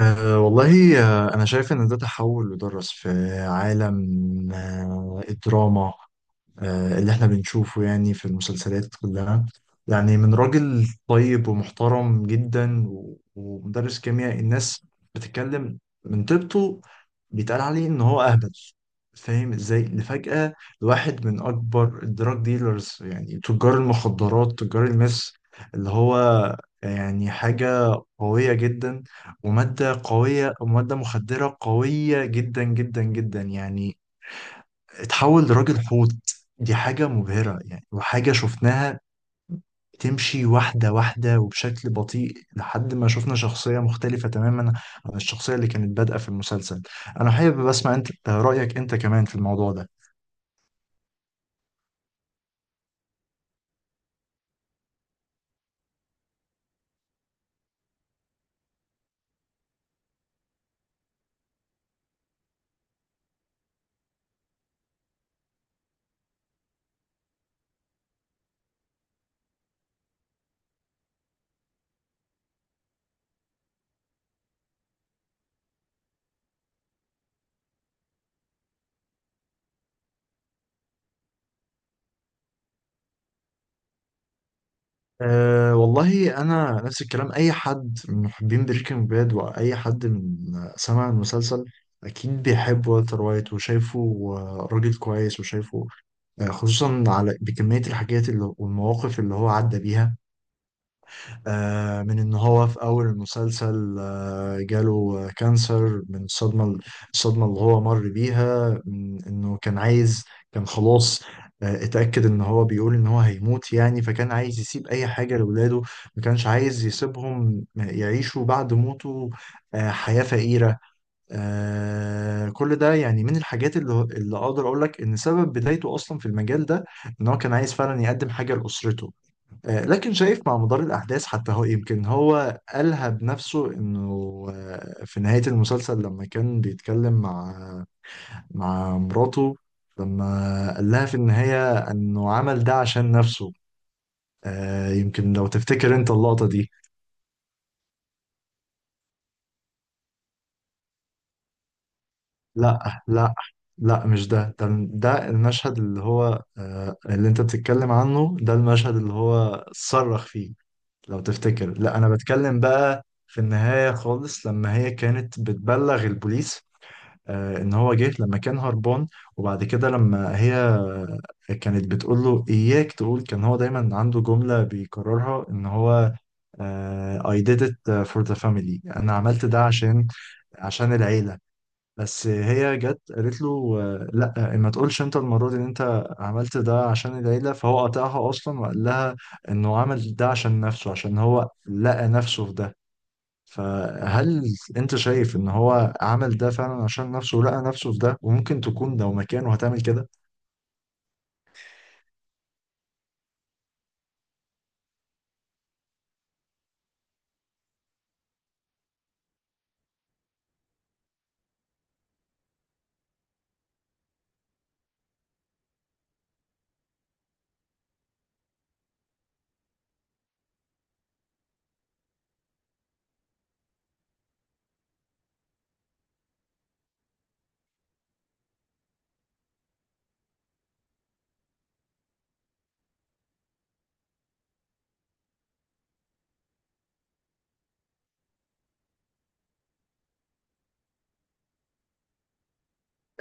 والله, أنا شايف إن ده تحول ودرس في عالم, الدراما, اللي احنا بنشوفه يعني في المسلسلات كلها. يعني من راجل طيب ومحترم جدا ومدرس كيمياء. الناس بتتكلم من طيبته, بيتقال عليه ان هو اهبل. فاهم ازاي لفجأة لواحد من اكبر الدراج ديلرز, يعني تجار المخدرات, تجار المس اللي هو يعني حاجة قوية جدا, ومادة قوية ومادة مخدرة قوية جدا جدا جدا, يعني اتحول لراجل حوت. دي حاجة مبهرة يعني, وحاجة شفناها بتمشي واحدة واحدة وبشكل بطيء لحد ما شفنا شخصية مختلفة تماما عن الشخصية اللي كانت بادئة في المسلسل. أنا حابب أسمع أنت رأيك أنت كمان في الموضوع ده. والله, أنا نفس الكلام. أي حد من محبين بريكنج باد وأي حد من سمع المسلسل أكيد بيحب والتر وايت وشايفه, راجل كويس وشايفه, خصوصا على بكمية الحاجات اللي والمواقف اللي هو عدى بيها. من ان هو في اول المسلسل جاله كانسر من الصدمه. الصدمه اللي هو مر بيها من انه كان عايز, كان خلاص اتاكد ان هو بيقول ان هو هيموت يعني. فكان عايز يسيب اي حاجه لاولاده, ما كانش عايز يسيبهم يعيشوا بعد موته حياه فقيره. كل ده يعني من الحاجات اللي اقدر اقول لك ان سبب بدايته اصلا في المجال ده, ان هو كان عايز فعلا يقدم حاجه لاسرته. لكن شايف مع مدار الأحداث حتى, هو يمكن هو قالها بنفسه إنه, في نهاية المسلسل لما كان بيتكلم مع مراته, لما قال لها في النهاية إنه عمل ده عشان نفسه. يمكن لو تفتكر أنت اللقطة دي. لا, لا, لا, مش ده. ده المشهد اللي هو اللي أنت بتتكلم عنه. ده المشهد اللي هو صرخ فيه لو تفتكر. لا, انا بتكلم بقى في النهاية خالص لما هي كانت بتبلغ البوليس. آه, ان هو جه لما كان هربان, وبعد كده لما هي كانت بتقول له اياك تقول, كان هو دايما عنده جملة بيكررها ان هو, I did it, for the family, انا عملت ده عشان, عشان العيلة. بس هي جت قالت له لا, ما تقولش انت المره دي ان انت عملت ده عشان العيله. فهو قطعها اصلا وقال لها انه عمل ده عشان نفسه, عشان هو لقى نفسه في ده. فهل انت شايف ان هو عمل ده فعلا عشان نفسه ولقى نفسه في ده, وممكن تكون لو مكانه هتعمل كده؟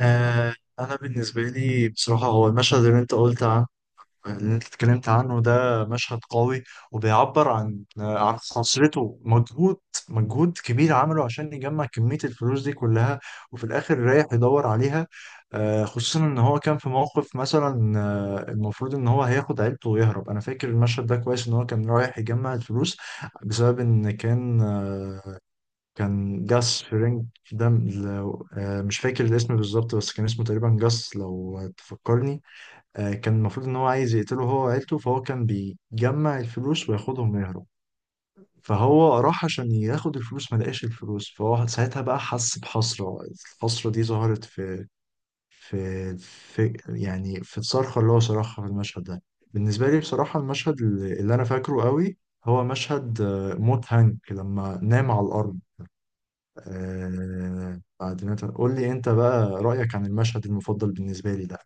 آه, انا بالنسبه لي بصراحه, هو المشهد اللي انت قلت عنه, اللي انت اتكلمت عنه. ده مشهد قوي وبيعبر عن خسارته مجهود, مجهود كبير عمله عشان يجمع كمية الفلوس دي كلها, وفي الآخر رايح يدور عليها. خصوصا إن هو كان في موقف مثلا, المفروض إن هو هياخد عيلته ويهرب. أنا فاكر المشهد ده كويس, إن هو كان رايح يجمع الفلوس بسبب إن كان, كان جاس فرينج. ده مش فاكر الاسم بالظبط, بس كان اسمه تقريبا جاس لو تفكرني. كان المفروض ان هو عايز يقتله هو وعيلته, فهو كان بيجمع الفلوس وياخدهم ويهرب. فهو راح عشان ياخد الفلوس, ما لقاش الفلوس, فهو ساعتها بقى حس بحسرة. الحسرة دي ظهرت في, في يعني في الصرخة اللي هو صرخها في المشهد ده. بالنسبة لي بصراحة, المشهد اللي أنا فاكره قوي, هو مشهد موت هانك لما نام على الأرض. بعد ما قول لي أنت بقى رأيك عن المشهد المفضل بالنسبة لي ده.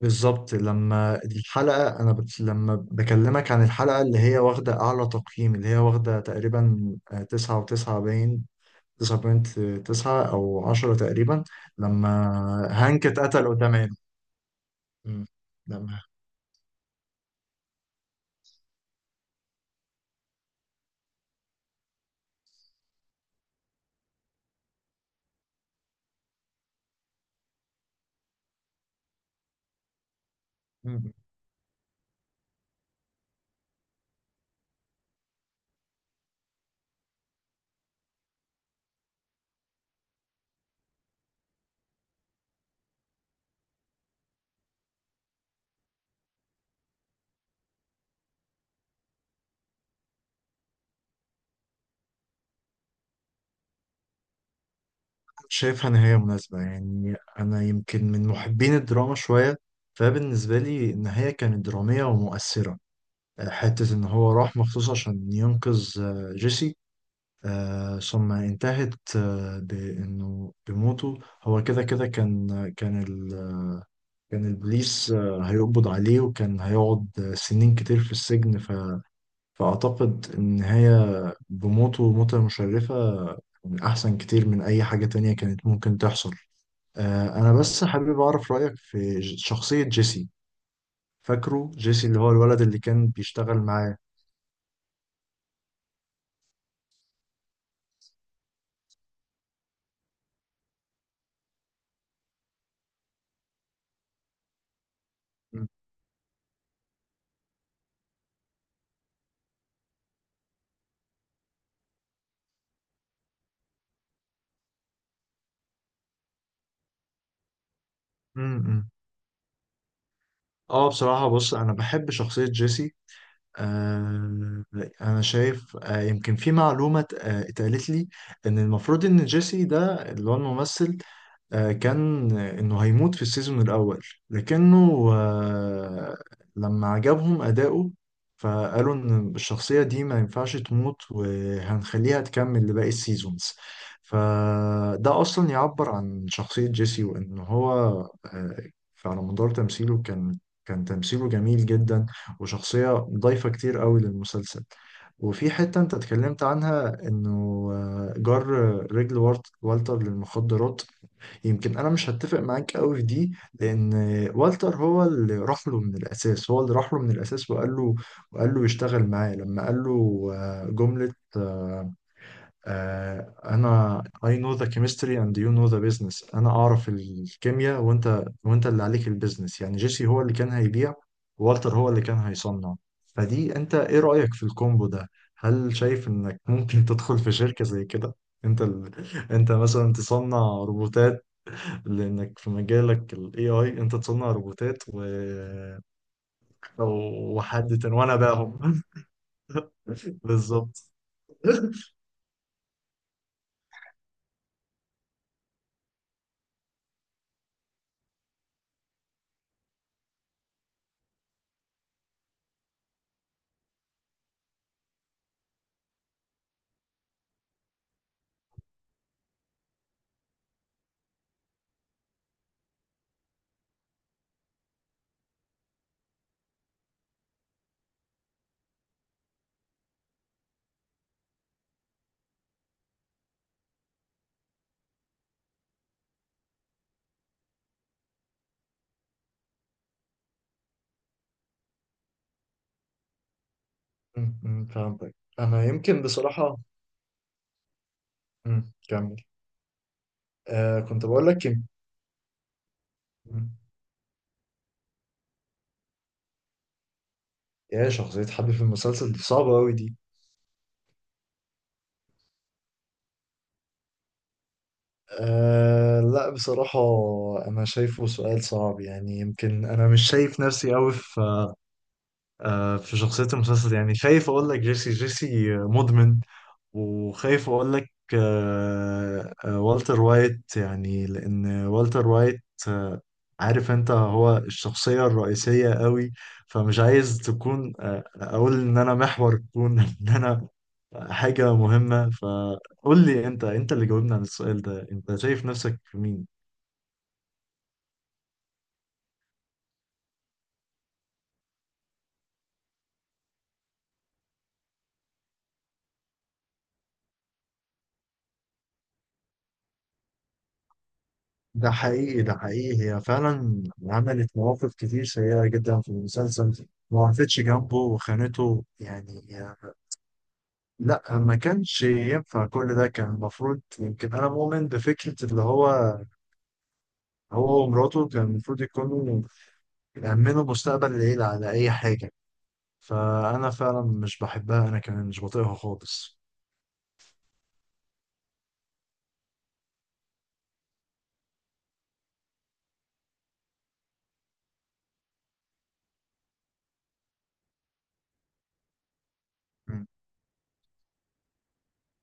بالظبط, لما الحلقة, لما بكلمك عن الحلقة اللي هي واخدة أعلى تقييم, اللي هي واخدة تقريبا تسعة وتسعة, باين تسعة بوينت تسعة أو عشرة تقريبا. لما هانك اتقتل قدام عينه. لما, مم. شايفها نهاية مناسبة يعني. أنا يمكن من محبين الدراما شوية, فبالنسبة لي النهاية كانت درامية ومؤثرة. حتة إن هو راح مخصوص عشان ينقذ جيسي, ثم انتهت بانه, بموته. هو كده كده كان, كان ال... كان البوليس هيقبض عليه, وكان هيقعد سنين كتير في السجن. فاعتقد النهاية بموته موتة مشرفة من احسن كتير من اي حاجة تانية كانت ممكن تحصل. انا بس حابب اعرف رأيك في شخصية جيسي. فاكره جيسي اللي هو الولد اللي كان بيشتغل معاه؟ م- م- م. اه بصراحة بص, انا بحب شخصية جيسي. آه، أنا شايف, يمكن في معلومة اتقالت لي, إن المفروض إن جيسي ده, اللي هو الممثل, كان إنه هيموت في السيزون الأول. لكنه, لما عجبهم أداؤه فقالوا إن الشخصية دي ما ينفعش تموت, وهنخليها تكمل لباقي السيزونز. فده أصلا يعبر عن شخصية جيسي, وإن هو آه، على مدار تمثيله كان, كان تمثيله جميل جدا, وشخصية ضايفة كتير قوي للمسلسل. وفي حتة انت اتكلمت عنها, انه جر رجل والتر للمخدرات. يمكن انا مش هتفق معاك قوي في دي. لان والتر هو اللي راح له من الاساس, هو اللي راح له من الاساس وقال له, يشتغل معاه. لما قال له جملة, انا I know the chemistry and you know the business, انا اعرف الكيمياء, وانت اللي عليك البيزنس. يعني جيسي هو اللي كان هيبيع, والتر هو اللي كان هيصنع. فدي انت ايه رأيك في الكومبو ده؟ هل شايف انك ممكن تدخل في شركة زي كده؟ انت ال... انت مثلا تصنع روبوتات, لانك في مجالك ال AI انت تصنع روبوتات أو- وحد تاني, وانا باهم. بالظبط. م- م، فهمتك. انا يمكن بصراحة, كمل. آه, كنت بقول لك مم. يا, شخصية حبي في المسلسل دي صعبة أوي دي. آه لا بصراحة, أنا شايفه سؤال صعب. يعني يمكن أنا مش شايف نفسي أوي في في شخصية المسلسل. يعني خايف أقول لك جيسي, جيسي مدمن. وخايف أقول لك والتر وايت, يعني لأن والتر وايت, آه عارف أنت هو الشخصية الرئيسية أوي. فمش عايز تكون اقول ان انا محور الكون ان انا حاجة مهمة. فقول لي انت, انت اللي جاوبنا عن السؤال ده, انت شايف نفسك في مين؟ ده حقيقي, ده حقيقي. هي فعلا عملت مواقف كتير سيئة جدا في المسلسل, ما وقفتش جنبه وخانته يعني. لا, ما كانش ينفع كل ده. كان المفروض, يمكن أنا مؤمن بفكرة اللي هو, هو ومراته كان المفروض يكونوا يأمنوا مستقبل العيلة على أي حاجة. فأنا فعلا مش بحبها, أنا كمان مش بطيقها خالص.